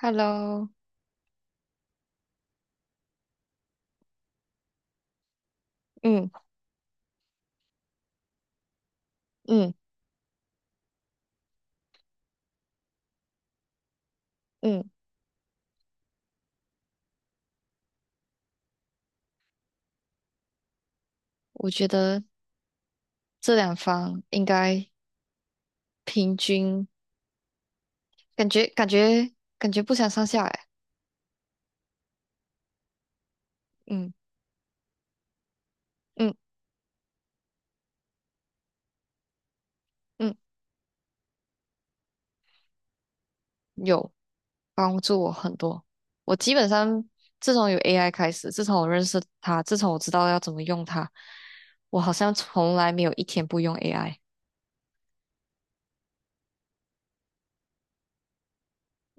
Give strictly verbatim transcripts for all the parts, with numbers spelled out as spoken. Hello，嗯嗯嗯，我觉得这两方应该平均，感觉感觉感觉不相上下哎，嗯嗯嗯，有帮助我很多。我基本上自从有 A I 开始，自从我认识它，自从我知道要怎么用它，我好像从来没有一天不用 A I。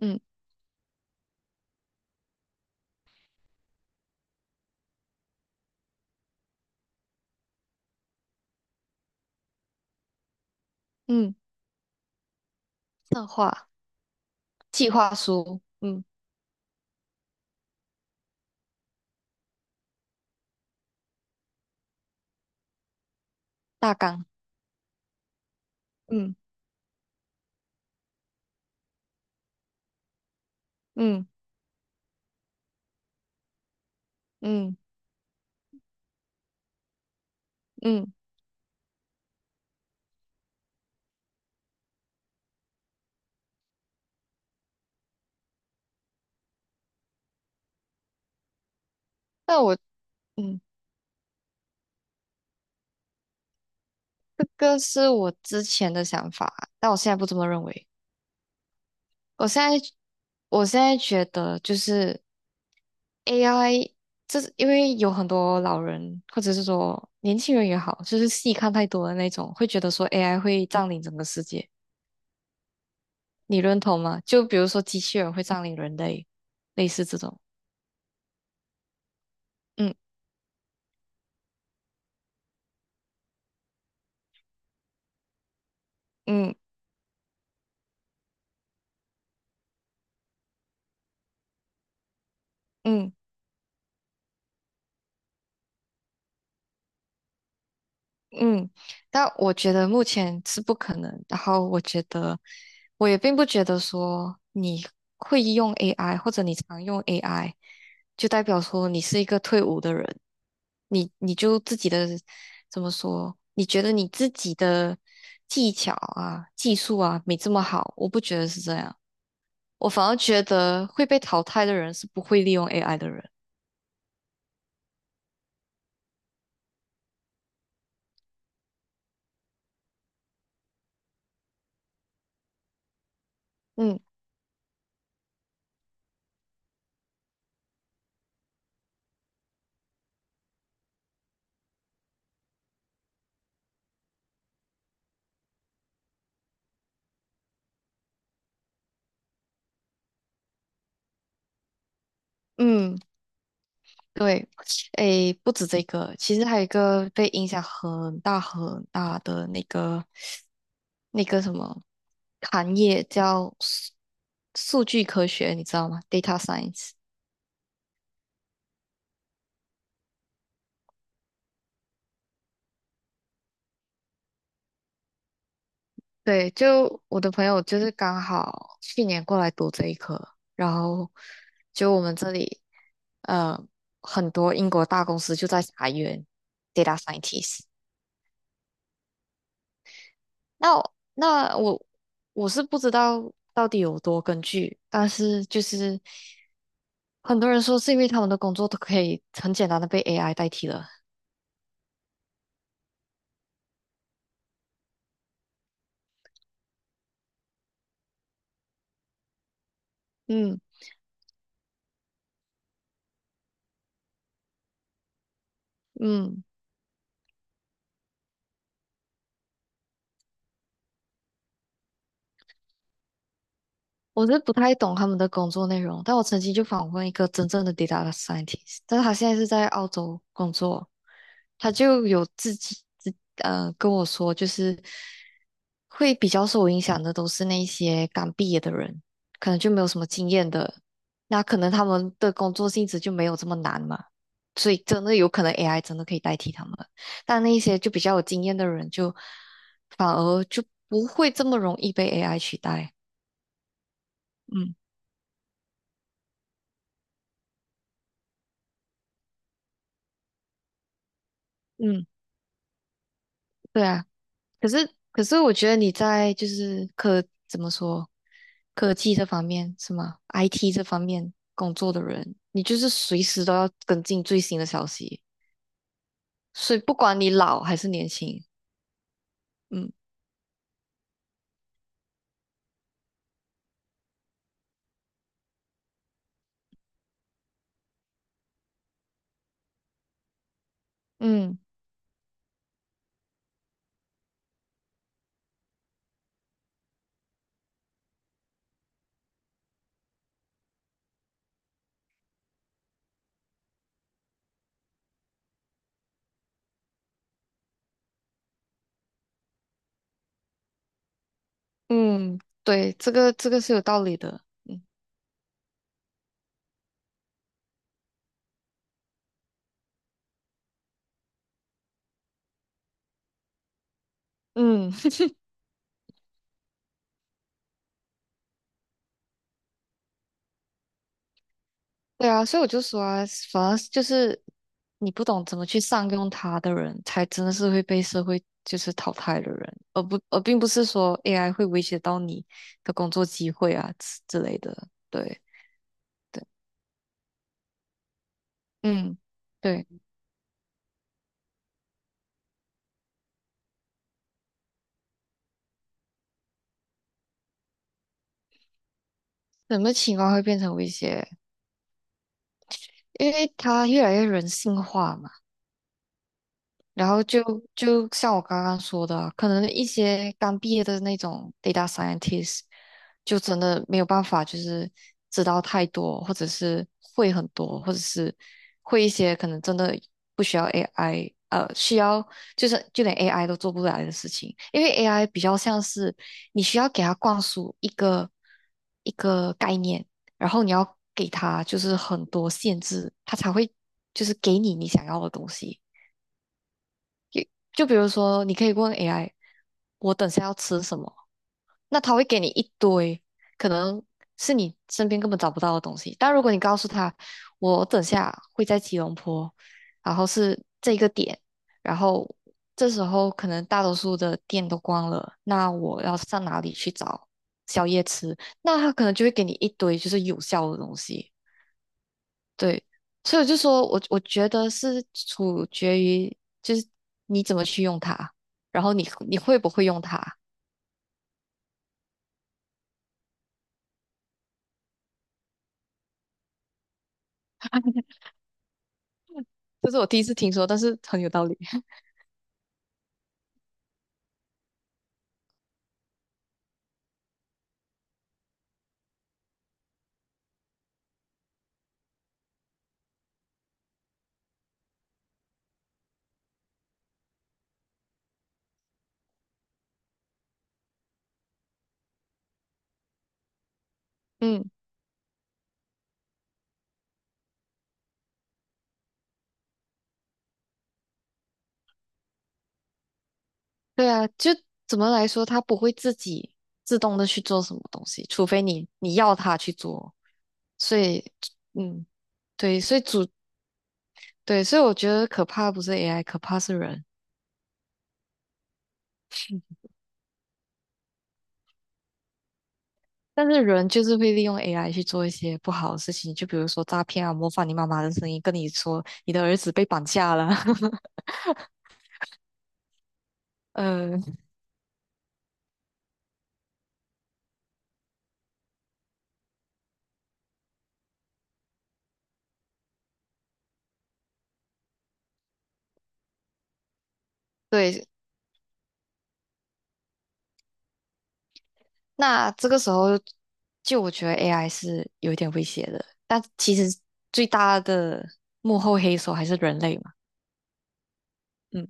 嗯嗯，策划、计划书，嗯，大纲，嗯嗯嗯嗯，那我。嗯。这个是我之前的想法啊，但我现在不这么认为。我现在，我现在觉得就是 A I，这是因为有很多老人或者是说年轻人也好，就是戏看太多的那种，会觉得说 A I 会占领整个世界，你认同吗？就比如说机器人会占领人类，类似这种。嗯嗯嗯。嗯，但我觉得目前是不可能。然后我觉得，我也并不觉得说你会用 A I 或者你常用 A I，就代表说你是一个退伍的人。你你就自己的怎么说？你觉得你自己的技巧啊、技术啊没这么好？我不觉得是这样，我反而觉得会被淘汰的人是不会利用 A I 的人。嗯嗯。对，诶，不止这个，其实还有一个被影响很大很大的那个那个什么行业叫数数据科学，你知道吗？Data science。对，就我的朋友就是刚好去年过来读这一科，然后就我们这里呃很多英国大公司就在裁员 data scientist。那我那我我是不知道到底有多根据，但是就是很多人说是因为他们的工作都可以很简单的被 A I 代替了。嗯嗯。我是不太懂他们的工作内容，但我曾经就访问一个真正的 data scientist，但是他现在是在澳洲工作，他就有自己自呃跟我说，就是会比较受影响的都是那些刚毕业的人，可能就没有什么经验的，那可能他们的工作性质就没有这么难嘛，所以真的有可能 A I 真的可以代替他们，但那一些就比较有经验的人就反而就不会这么容易被 A I 取代，嗯。嗯，对啊，可是可是我觉得你在就是科怎么说，科技这方面是吗？I T 这方面工作的人，你就是随时都要跟进最新的消息，所以不管你老还是年轻，嗯，嗯嗯，对，这个这个是有道理的，嗯嗯。对啊，所以我就说啊，反而是就是你不懂怎么去善用它的人，才真的是会被社会就是淘汰的人，而不而并不是说 A I 会威胁到你的工作机会啊之之类的。对对，嗯，对，什么情况会变成威胁？因为它越来越人性化嘛。然后就就像我刚刚说的，可能一些刚毕业的那种 data scientist，就真的没有办法，就是知道太多，或者是会很多，或者是会一些可能真的不需要 A I，呃，需要就是就连 A I 都做不来的事情，因为 A I 比较像是你需要给它灌输一个一个概念，然后你要给它就是很多限制，它才会就是给你你想要的东西。就比如说，你可以问 A I，我等下要吃什么，那他会给你一堆，可能是你身边根本找不到的东西。但如果你告诉他，我等下会在吉隆坡，然后是这个点，然后这时候可能大多数的店都关了，那我要上哪里去找宵夜吃？那他可能就会给你一堆就是有效的东西。对，所以我就说我我觉得是取决于就是你怎么去用它，然后你你会不会用它，这是我第一次听说，但是很有道理。嗯，对啊，就怎么来说，它不会自己自动的去做什么东西，除非你你要它去做。所以，嗯，对，所以主对，所以我觉得可怕不是 A I，可怕是人。但是人就是会利用 A I 去做一些不好的事情，就比如说诈骗啊，模仿你妈妈的声音跟你说你的儿子被绑架了。嗯，对，那这个时候就我觉得 A I 是有一点威胁的，但其实最大的幕后黑手还是人类嘛。嗯，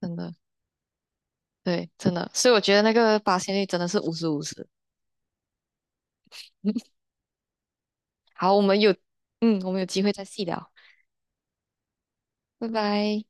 真的。对，真的，所以我觉得那个发现率真的是五十五十。五好，我们有，嗯，我们有机会再细聊，拜拜。